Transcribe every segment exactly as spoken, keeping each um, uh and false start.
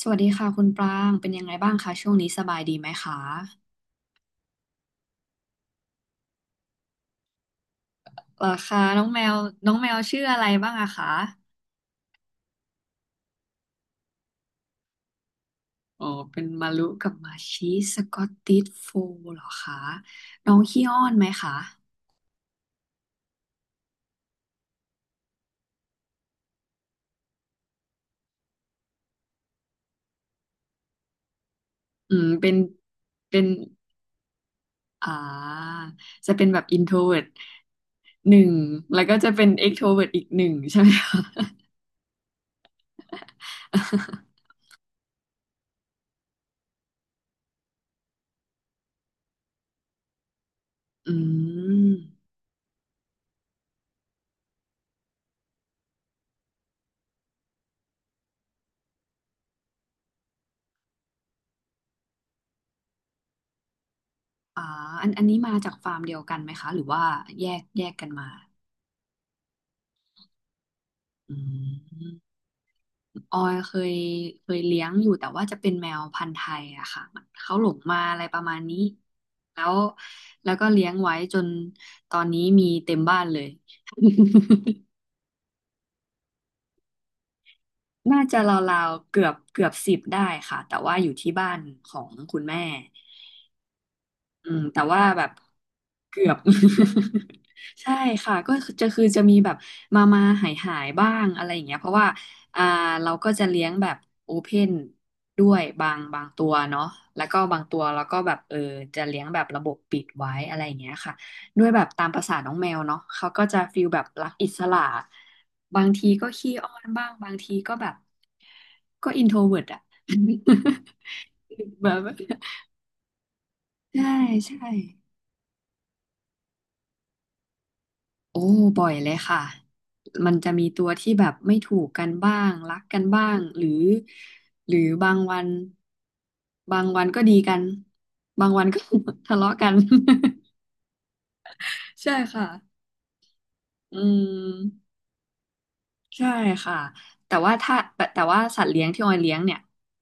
สวัสดีค่ะคุณปรางเป็นยังไงบ้างคะช่วงนี้สบายดีไหมคะเหรอคะน้องแมวน้องแมวชื่ออะไรบ้างอะคะอ๋อเป็นมารุกับมาชิสกอตติชโฟลด์เหรอคะน้องขี้อ้อนไหมคะอืมเป็นเป็นอ่าจะเป็นแบบอินโทรเวิหนึ่งแล้วก็จะเป็นเอ t กโทรเวอีกหนึ่งใช่ไหมคะ อืมอ่าอันอันนี้มาจากฟาร์มเดียวกันไหมคะหรือว่าแยกแยกกันมาอืม ออยเคยเคยเลี้ยงอยู่แต่ว่าจะเป็นแมวพันธุ์ไทยอะค่ะมันเขาหลงมาอะไรประมาณนี้แล้วแล้วก็เลี้ยงไว้จนตอนนี้มีเต็มบ้านเลย น่าจะราวๆเกือบเกือบสิบได้ค่ะแต่ว่าอยู่ที่บ้านของคุณแม่ อืมแต่ว่าแบบเกือบ ใช่ค่ะก็คือจะคือจะมีแบบมามาหายหายบ้างอะไรอย่างเงี้ยเพราะว่าอ่าเราก็จะเลี้ยงแบบโอเพนด้วยบางบางตัวเนาะแล้วก็บางตัวเราก็แบบเออจะเลี้ยงแบบระบบปิดไว้อะไรอย่างเงี้ยค่ะด้วยแบบตามประสาน้องแมวเนาะเขาก็จะฟีลแบบรักอิสระบางทีก็ขี้อ้อนบ้างบางทีก็แบบก็อินโทรเวิร์ตอะ แบบ ใช่ใช่ โอ้บ่อยเลยค่ะมันจะมีตัวที่แบบไม่ถูกกันบ้างรักกันบ้างหรือหรือบางวันบางวันก็ดีกันบางวันก็ ทะเลาะกัน ใช่ค่ะอืมใช่ค่ะแต่ว่าถ้าแต่แต่ว่าสัตว์เลี้ยงที่ออยเลี้ยงเนี่ย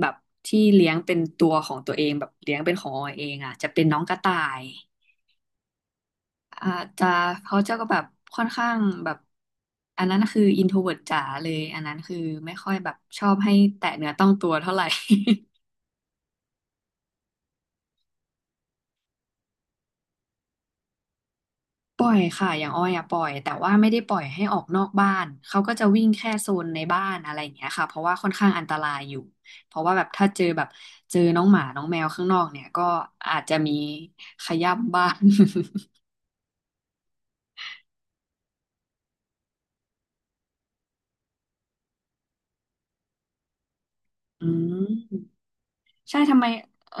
แบบที่เลี้ยงเป็นตัวของตัวเองแบบเลี้ยงเป็นของออยเองอ่ะจะเป็นน้องกระต่าย อาจจะเขาจะก็แบบค่อนข้างแบบอันนั้นคืออินโทรเวิร์ตจ๋าเลยอันนั้นคือไม่ค่อยแบบชอบให้แตะเนื้อต้องตัวเท่าไหร่ ปล่อยค่ะอย่างอ้อยอะปล่อยแต่ว่าไม่ได้ปล่อยให้ออกนอกบ้านเขาก็จะวิ่งแค่โซนในบ้านอะไรอย่างเงี้ยค่ะเพราะว่าค่อนข้างอันตรายอยู่เพราะว่าแบบถ้าเจอแบบเจอน้องหมาน้องแมวข้างนอกเนี่ยก็อาจจะมีขย้ำบ้าน อืมใช่ทำไมเออ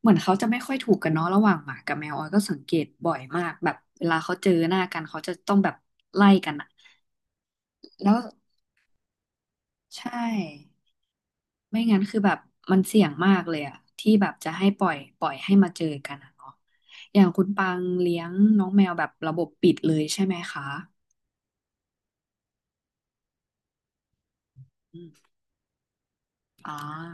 เหมือนเขาจะไม่ค่อยถูกกันเนาะระหว่างหมากับแมวออยก็สังเกตบ่อยมากแบบเวลาเขาเจอหน้ากันเขาจะต้องแบบไล่กันอะแล้วใช่ไม่งั้นคือแบบมันเสี่ยงมากเลยอะที่แบบจะให้ปล่อยปล่อยให้มาเจอกันอะเนาะอย่างคุณปังเลี้ยงน้องแมวแบบระบบปิดเลยใช่ไหมคะอืมอ่า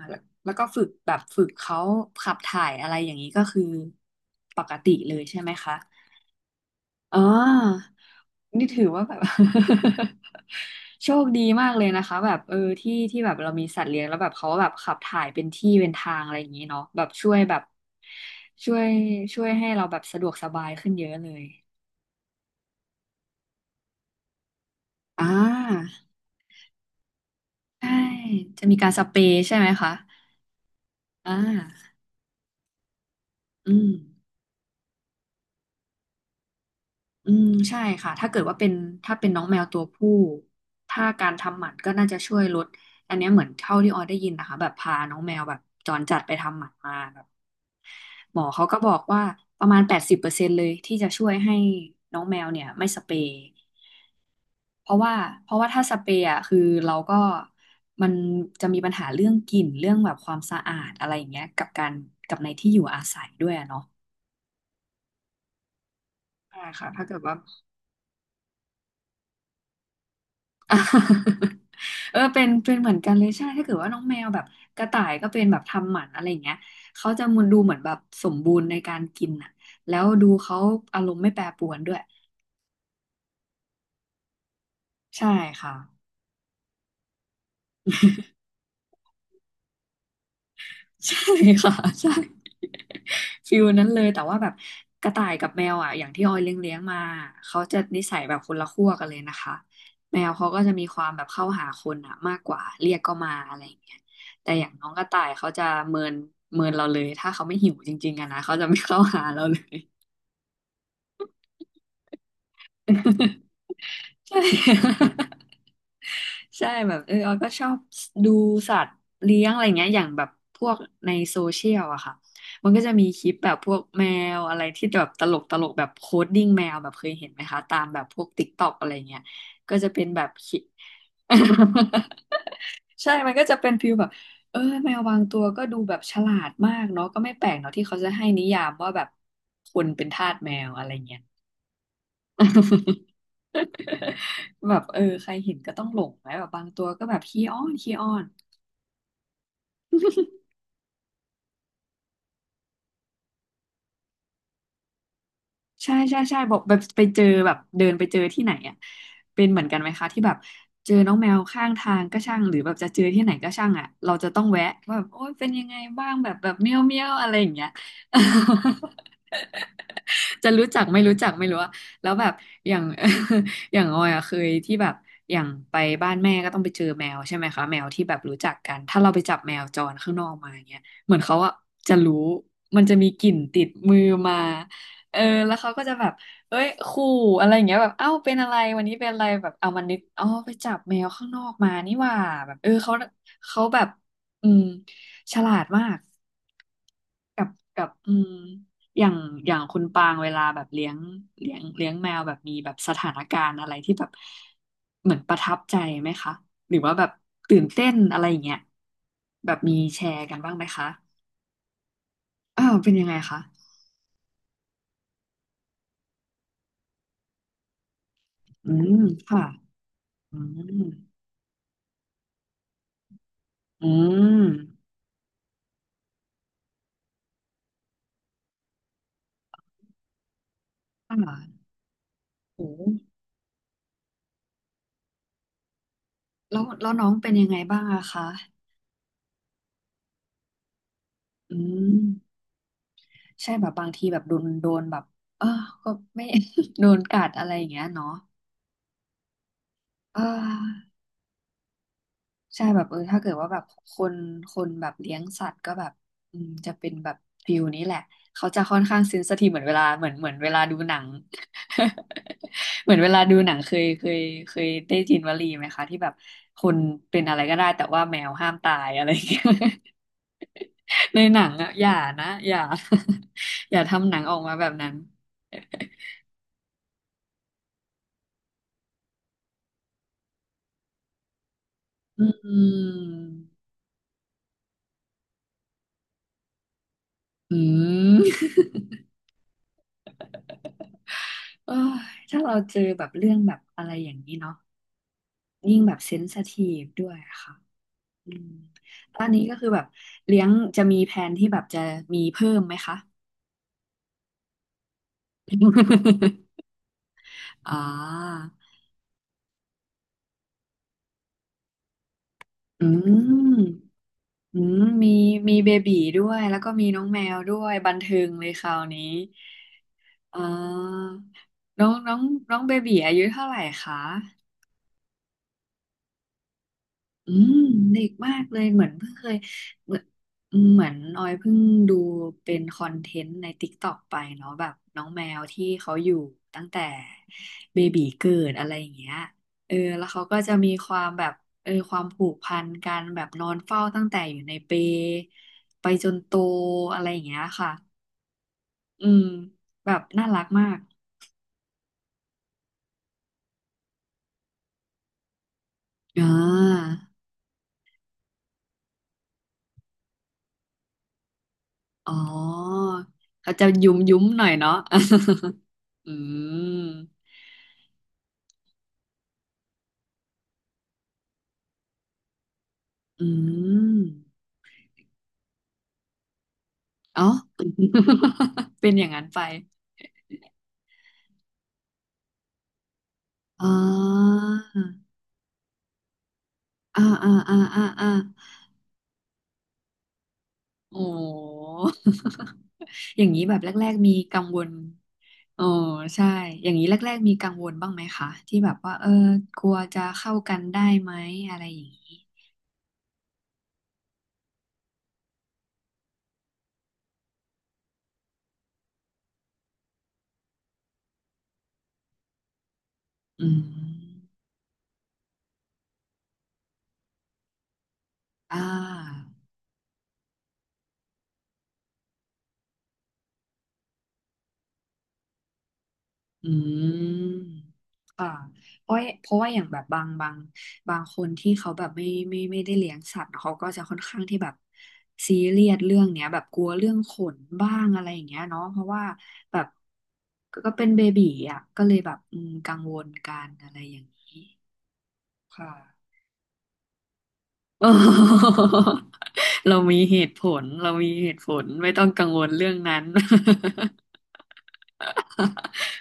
แล้วแล้วก็ฝึกแบบฝึกเขาขับถ่ายอะไรอย่างนี้ก็คือปกติเลยใช่ไหมคะอ๋อ นี่ถือว่าแบบ โชคดีมากเลยนะคะแบบเออที่ที่แบบเรามีสัตว์เลี้ยงแล้วแบบเขาแบบขับถ่ายเป็นที่เป็นทางอะไรอย่างนี้เนาะแบบช่วยแบบช่วยช่วยให้เราแบบสะดวกสบายขึ้นเยอะเลยอ่าใช่จะมีการสเปรย์ใช่ไหมคะอ่าอืม อืมใช่ค่ะถ้าเกิดว่าเป็นถ้าเป็นน้องแมวตัวผู้ถ้าการทำหมันก็น่าจะช่วยลดอันเนี้ยเหมือนเท่าที่ออยได้ยินนะคะแบบพาน้องแมวแบบจรจัดไปทำหมันมาแบบหมอเขาก็บอกว่าประมาณแปดสิบเปอร์เซ็นต์เลยที่จะช่วยให้น้องแมวเนี่ยไม่สเปรย์เพราะว่าเพราะว่าถ้าสเปรย์อ่ะคือเราก็มันจะมีปัญหาเรื่องกลิ่นเรื่องแบบความสะอาดอะไรอย่างเงี้ยกับการกับในที่อยู่อาศัยด้วยอะเนาะใช่ค่ะถ้าเกิดว่า อ่ะ เออเป็นเป็นเหมือนกันเลยใช่ถ้าเกิดว่าน้องแมวแบบกระต่ายก็เป็นแบบทำหมันอะไรอย่างเงี้ยเขาจะมันดูเหมือนแบบสมบูรณ์ในการกินอ่ะแล้วดูเขาอารมณ์ไม่แปรปรวนด้วยใช่ค่ะ ใช่ ค่ะใช่ฟิลนั้นเลยแต่ว่าแบบกระต่ายกับแมวอ่ะอย่างที่ออยเลี้ยงเลี้ยงมาเขาจะนิสัยแบบคนละขั้วกันเลยนะคะแมวเขาก็จะมีความแบบเข้าหาคนอ่ะมากกว่าเรียกก็มาอะไรอย่างเงี้ยแต่อย่างน้องกระต่ายเขาจะเมินเมินเราเลยถ้าเขาไม่หิวจริงๆอะนะเขาจะไม่เข้าหาเราเลย ใช่ ใช่แบบเออออยก็ชอบดูสัตว์เลี้ยงอะไรเงี้ยอย่างแบบพวกในโซเชียลอะค่ะมันก็จะมีคลิปแบบพวกแมวอะไรที่แบบตลกตลกแบบโคดดิ้งแมวแบบเคยเห็นไหมคะตามแบบพวกติ๊กต็อกอะไรเงี้ยก็จะเป็นแบบคลิป ใช่มันก็จะเป็นฟิลแบบเออแมวบางตัวก็ดูแบบฉลาดมากเนาะก็ไม่แปลกเนาะที่เขาจะให้นิยามว่าแบบคนเป็นทาสแมวอะไรเงี้ย แบบเออใครเห็นก็ต้องหลงไหมแบบบางตัวก็แบบขี้อ้อนขี้อ้อนใช่ใช่ใช่บอกแบบไปเจอแบบเดินไปเจอที่ไหนอ่ะเป็นเหมือนกันไหมคะที่แบบเจอน้องแมวข้างทางก็ช่างหรือแบบจะเจอที่ไหนก็ช่างอ่ะเราจะต้องแวะว่าแบบโอ้ยเป็นยังไงบ้างแบบแบบเมียวเมียวอะไรอย่างเงี้ย จะรู้จักไม่รู้จักไม่รู้อะแล้วแบบอย่าง อย่างออยอะเคยที่แบบอย่างไปบ้านแม่ก็ต้องไปเจอแมวใช่ไหมคะแมวที่แบบรู้จักกันถ้าเราไปจับแมวจรข้างนอกมาอย่างเงี้ยเหมือนเขาอะจะรู้มันจะมีกลิ่นติดมือมาเออแล้วเขาก็จะแบบเอ้ยขู่อะไรอย่างเงี้ยแบบเอ้าเป็นอะไรวันนี้เป็นอะไรแบบเอามันนึกอ๋อไปจับแมวข้างนอกมานี่หว่าแบบเออเขาเขาแบบอืมฉลาดมาก กับกับอืมอย่างอย่างคุณปางเวลาแบบเลี้ยงเลี้ยงเลี้ยงแมวแบบมีแบบสถานการณ์อะไรที่แบบเหมือนประทับใจไหมคะหรือว่าแบบตื่นเต้นอะไรอย่างเงี้ยแบบมีแชร์กันบ้างไหมคะอ้าวเป็นยังไงคะอืมค่ะอืมอืมค่ะโอ้แล้วแล้วน้องเป็นยังไงบ้างอะคะอืมใช่แบบบางทีแบบโดนโดนแบบเออก็ไม่ โดนกัดอะไรอย่างเงี้ยเนาะเออ ใช่แบบเออถ้าเกิดว่าแบบคนคนแบบเลี้ยงสัตว์ก็แบบอืมจะเป็นแบบฟิลนี้แหละเขาจะค่อนข้างเซนซิทีฟเหมือนเวลาเหมือนเหมือนเวลาดูหนัง เหมือนเวลาดูหนังเคยเคยเคยได้ยินวลีไหมคะที่แบบคนเป็นอะไรก็ได้แต่ว่าแมวห้ามตายอะไรอย่างเงี้ย ในหนังอะอย่านะอย่า อย่าทำหนังออกมาแบบนั้นอืมอืม โอ้ยถ้าเราเจอแบบเรื่องแบบอะไรอย่างนี้เนาะ ยิ่งแบบเซน i ทีฟด้วยค่ะอืมตอนนี้ก็คือแบบเลี้ยงจะมีแผนที่แบบจะมีเพิ่มไหมคะ อ่าอืมอืมมีมีเบบีด้วยแล้วก็มีน้องแมวด้วยบันเทิงเลยคราวนี้อ่าน้องน้องน้องเบบีอายุเท่าไหร่คะ อืมเด็กมากเลยเหมือนเพิ่งเคยเหมือนเหมือนออยเพิ่งดูเป็นคอนเทนต์ใน t i k t o กไปเนาะแบบน้องแมวที่เขาอยู่ตั้งแต่เบบีเกิดอะไรอย่างเงี้ยเออแล้วเขาก็จะมีความแบบเออความผูกพันกันแบบนอนเฝ้าตั้งแต่อยู่ในเปลไปจนโตอะไรอย่างเงี้ยค่ะอืมแบบน่ารักมากอ่าอ๋อเขาจะยุ้มยุ้มหน่อยเนาะ อืม อืมอ๋อ เป็นอย่างนั้นไปอ่าอ่าอ่าอ่าอ่าอ่าโอ้ อย่างนี้แบบแรกๆมีกังวลโอ้ใช่อย่างนี้แรกๆมีกังวลบ้างไหมคะที่แบบว่าเออกลัวจะเข้ากันได้ไหมอะไรอย่างนี้อืมอ่า อืมค่ะเพราะเพราะว่าอย่างแบบบางบางบางคนที่เขาแบบไม่ไม่ไม่ได้เลี้ยงสัตว์เขาก็จะค่อนข้างที่แบบซีเรียสเรื่องเนี้ยแบบกลัวเรื่องขนบ้างอะไรอย่างเงี้ยเนาะเพราะว่าแบบก็ก็เป็นเบบีอ่ะก็เลยแบบอืมกังวลกันอะไรอย่างนี้ค่ะ โอ้ เรามีเหตุผลเรามีเหตุผลไม่ต้องกังวลเรื่องนั้น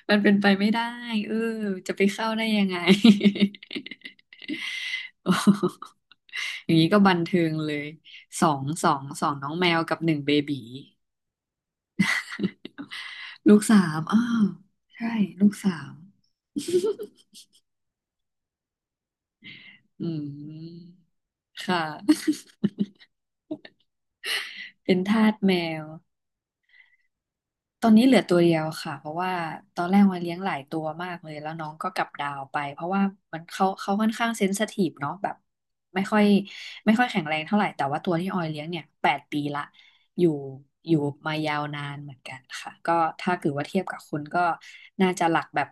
มันเป็นไปไม่ได้เออจะไปเข้าได้ยังไง อย่างนี้ก็บันเทิงเลยสองสองสองน้องแมวกับหนึ่งเบบีลูกสามอ้าวใช่ลูกสามอืมค่ะ เป็นทาสแมว ตอนนี้เหลือตัวเดียวค่ะเพราะว่าตอนแรกมันเลี้ยงหลายตัวมากเลยแล้วน้องก็กลับดาวไปเพราะว่ามันเขาเขาค่อนข้างเซนซิทีฟเนาะแบบไม่ค่อยไม่ค่อยแข็งแรงเท่าไหร่แต่ว่าตัวที่ออยเลี้ยงเนี่ยแปดปีละอยู่อยู่มายาวนานเหมือนกันค่ะก็ถ้าเกิดว่าเทียบกับคนก็น่าจะหลักแบบ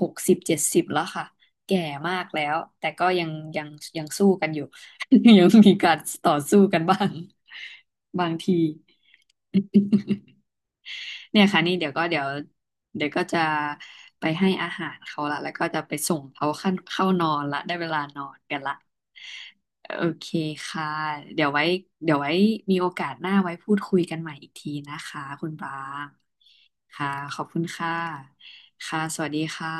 หกสิบเจ็ดสิบแล้วค่ะแก่มากแล้วแต่ก็ยังยังยังสู้กันอยู่ ยังมีการต่อสู้กันบ้างบางที เนี่ยค่ะนี่เดี๋ยวก็เดี๋ยวเดี๋ยวก็จะไปให้อาหารเขาละแล้วก็จะไปส่งเขาขั้นเข้านอนละได้เวลานอนกันละโอเคค่ะเดี๋ยวไว้เดี๋ยวไว้มีโอกาสหน้าไว้พูดคุยกันใหม่อีกทีนะคะคุณปรางค่ะขอบคุณค่ะค่ะสวัสดีค่ะ